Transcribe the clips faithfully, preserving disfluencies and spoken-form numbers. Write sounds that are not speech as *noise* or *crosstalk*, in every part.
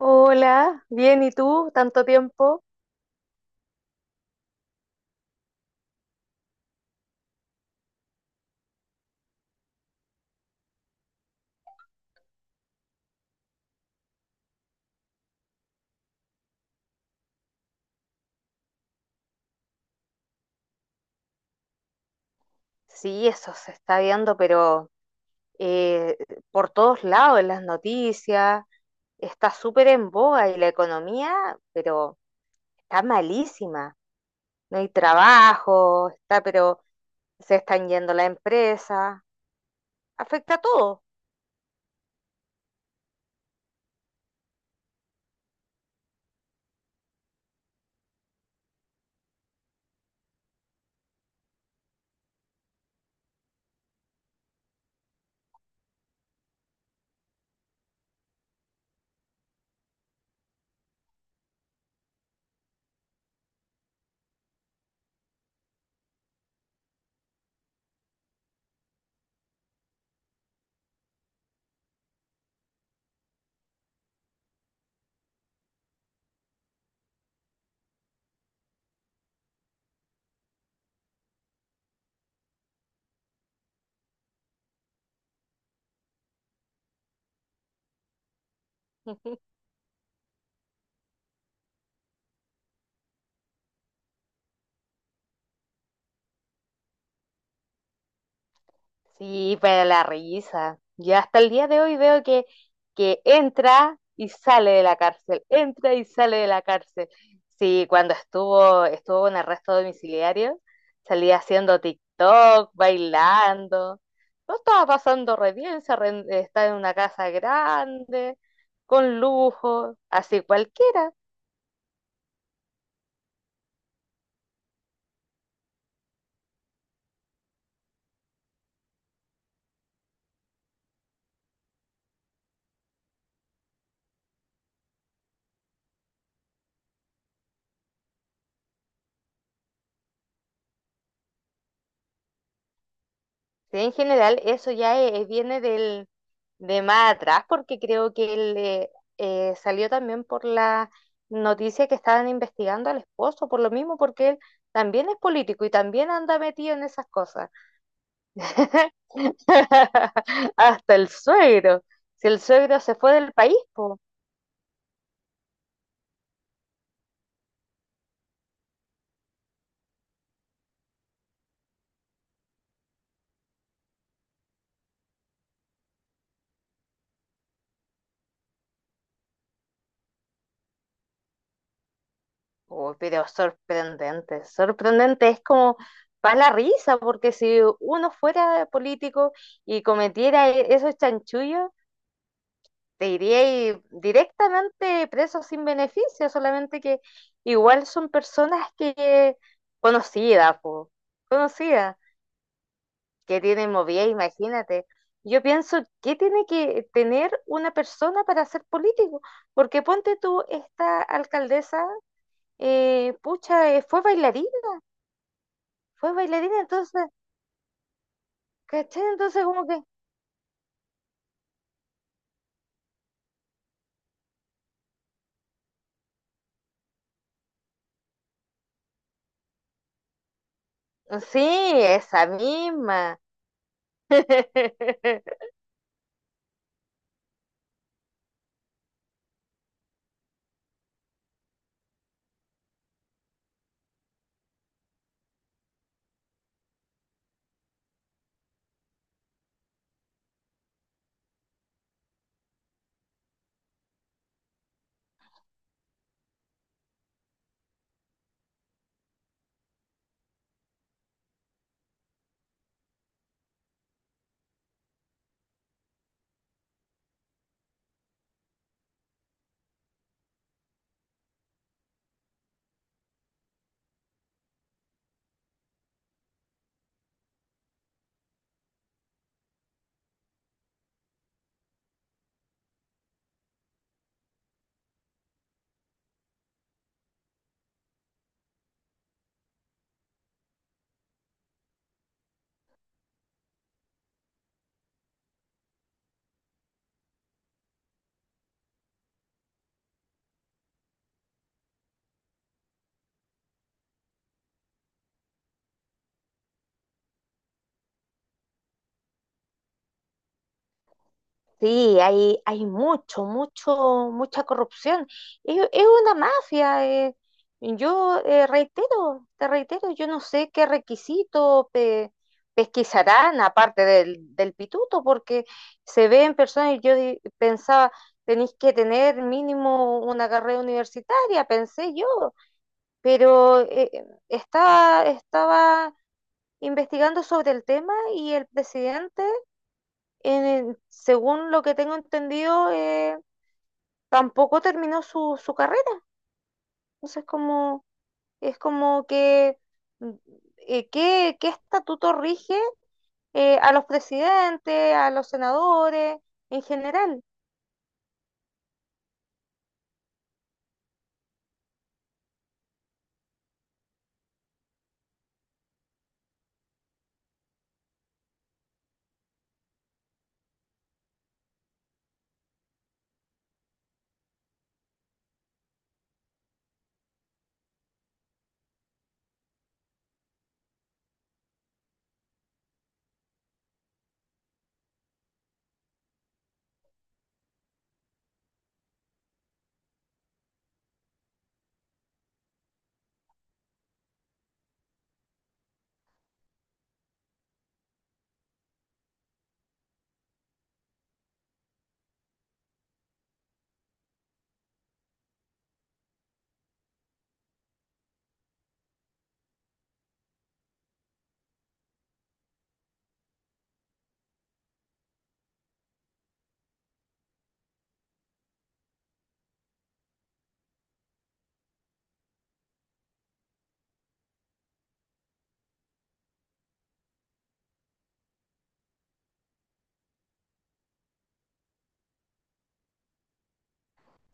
Hola, bien, ¿y tú? ¿Tanto tiempo? Sí, eso se está viendo, pero eh, por todos lados, en las noticias, está súper en boga y la economía, pero está malísima. No hay trabajo, está, pero se están yendo la empresa, afecta a todo. *laughs* Sí, pero la risa. Yo hasta el día de hoy veo que, que entra y sale de la cárcel, entra y sale de la cárcel. Sí, cuando estuvo, estuvo en arresto domiciliario, salía haciendo TikTok, bailando. No estaba pasando re bien, se arren- está en una casa grande, con lujo, así cualquiera. Sí, en general eso ya eh, viene del, de más atrás porque creo que él, eh, eh, salió también por la noticia que estaban investigando al esposo, por lo mismo porque él también es político y también anda metido en esas cosas. *laughs* Hasta el suegro. Si el suegro se fue del país, pues. Uy, pero sorprendente, sorprendente, es como para la risa, porque si uno fuera político y cometiera e- esos chanchullos, te iría directamente preso sin beneficio, solamente que igual son personas que conocidas, po, conocidas, que tienen movida, imagínate. Yo pienso, ¿qué tiene que tener una persona para ser político? Porque ponte tú, esta alcaldesa, eh, pucha, eh, fue bailarina, fue bailarina, entonces, ¿cachai? Entonces como que, sí, esa misma. *laughs* Sí, hay, hay mucho, mucho, mucha corrupción. Es, es una mafia. eh. Yo eh, reitero, te reitero, yo no sé qué requisito pe- pesquisarán aparte del, del pituto, porque se ven personas y yo di- pensaba, tenéis que tener mínimo una carrera universitaria, pensé yo, pero eh, estaba, estaba investigando sobre el tema y el presidente en el- según lo que tengo entendido, eh, tampoco terminó su, su carrera. Entonces, como, es como que, mm, eh, ¿qué, qué estatuto rige eh, a los presidentes, a los senadores, en general?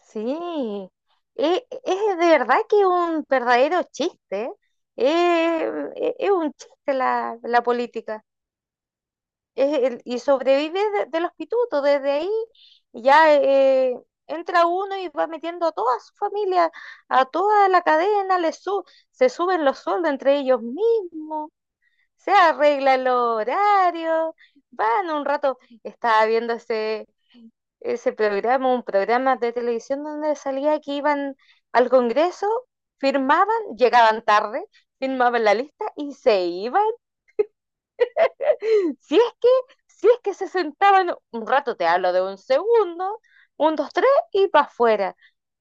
Sí, Eh, es de verdad que un verdadero chiste, eh, eh, e- es un chiste la, la política. Es el- y sobrevive de, de los pitutos. Desde ahí ya eh, entra uno y va metiendo a toda su familia, a toda la cadena, le su- se suben los sueldos entre ellos mismos, se arregla el horario, van un rato, estaba viendo ese, ese programa, un programa de televisión donde salía que iban al Congreso, firmaban, llegaban tarde, firmaban la lista y se iban. Si es que, si es que se sentaban un rato, te hablo de un segundo, un, dos, tres y para afuera.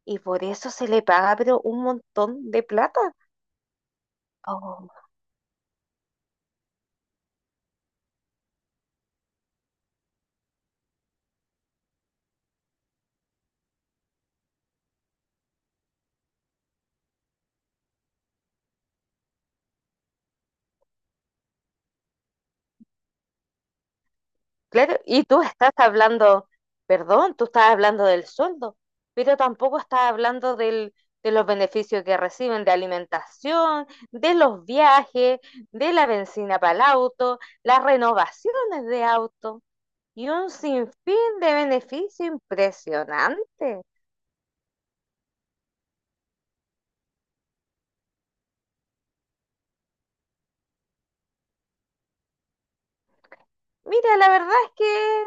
Y por eso se le paga, pero un montón de plata. Oh, claro, y tú estás hablando, perdón, tú estás hablando del sueldo, pero tampoco estás hablando del, de los beneficios que reciben de alimentación, de los viajes, de la benzina para el auto, las renovaciones de auto y un sinfín de beneficios impresionante. Mira, la verdad es que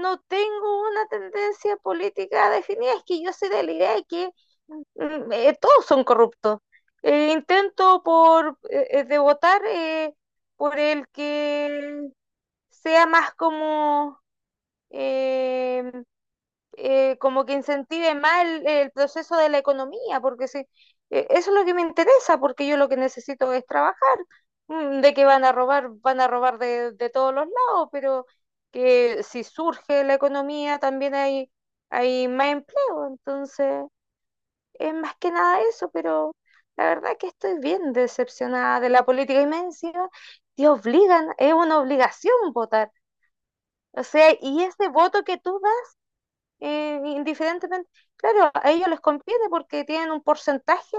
no tengo una tendencia política definida, es que yo soy de la idea de que mm, eh, todos son corruptos. Eh, intento por eh, eh, de votar eh, por el que sea más como eh, eh, como que incentive más el, el proceso de la economía, porque si, eh, eso es lo que me interesa, porque yo lo que necesito es trabajar. Mm, de que van a robar, van a robar de, de todos los lados, pero que si surge la economía también hay, hay más empleo, entonces es más que nada eso, pero la verdad que estoy bien decepcionada de la política y me encima te obligan, es una obligación votar, o sea, y ese voto que tú eh, indiferentemente, claro, a ellos les conviene porque tienen un porcentaje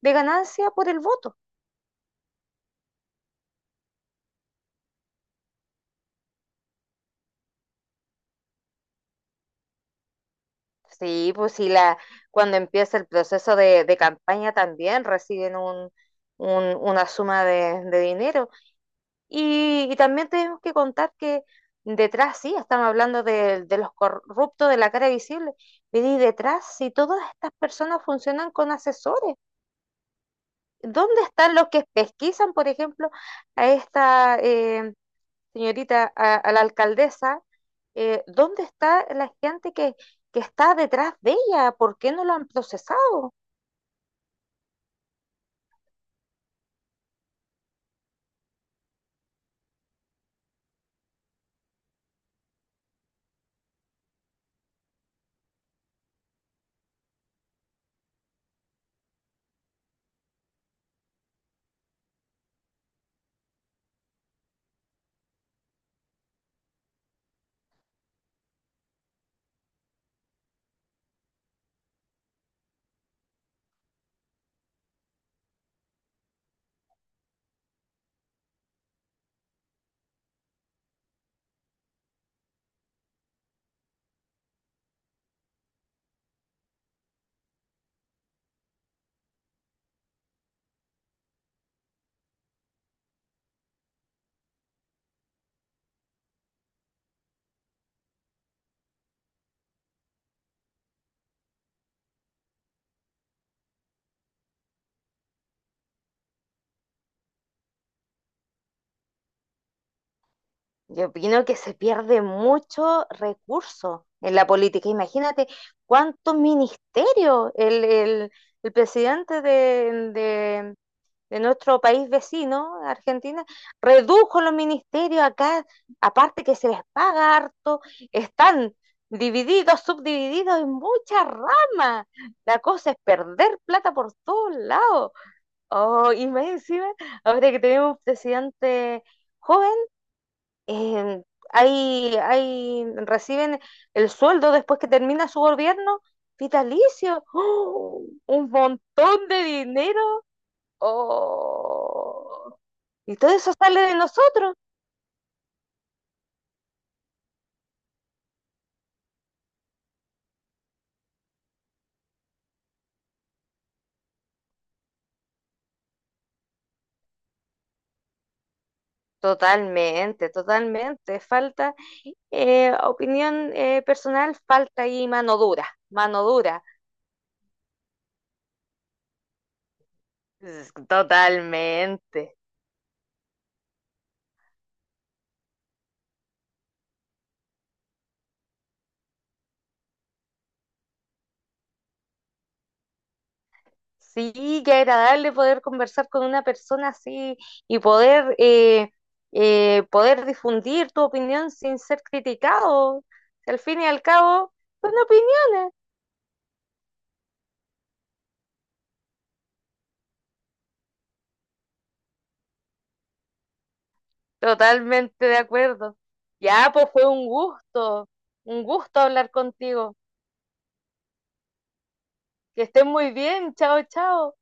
de ganancia por el voto. Sí, pues sí, la, cuando empieza el proceso de, de campaña también reciben un, un- una suma de, de dinero. Y, y también tenemos que contar que detrás, sí, estamos hablando de, de los corruptos de la cara visible, pero y detrás, si todas estas personas funcionan con asesores, ¿dónde están los que pesquisan, por ejemplo, a esta eh, señorita, a, a la alcaldesa, eh, ¿dónde está la gente que, que está detrás de ella? ¿Por qué no lo han procesado? Yo opino que se pierde mucho recurso en la política. Imagínate cuántos ministerios el, el, el presidente de, de, de nuestro país vecino, Argentina, redujo los ministerios acá, aparte que se les paga harto, están divididos, subdivididos en muchas ramas. La cosa es perder plata por todos lados. Oh, y más encima, ahora que tenemos un presidente joven, eh, ahí, ahí reciben el sueldo después que termina su gobierno vitalicio. ¡Oh! Un montón de dinero. Oh, y todo eso sale de nosotros. Totalmente, totalmente. Falta eh, opinión eh, personal, falta ahí mano dura, mano dura. Es- Totalmente. Sí, qué agradable poder conversar con una persona así y poder, eh, eh, poder difundir tu opinión sin ser criticado. Si al fin y al cabo, son opiniones. Totalmente de acuerdo. Ya, pues fue un gusto, un gusto hablar contigo. Que estén muy bien. Chao, chao.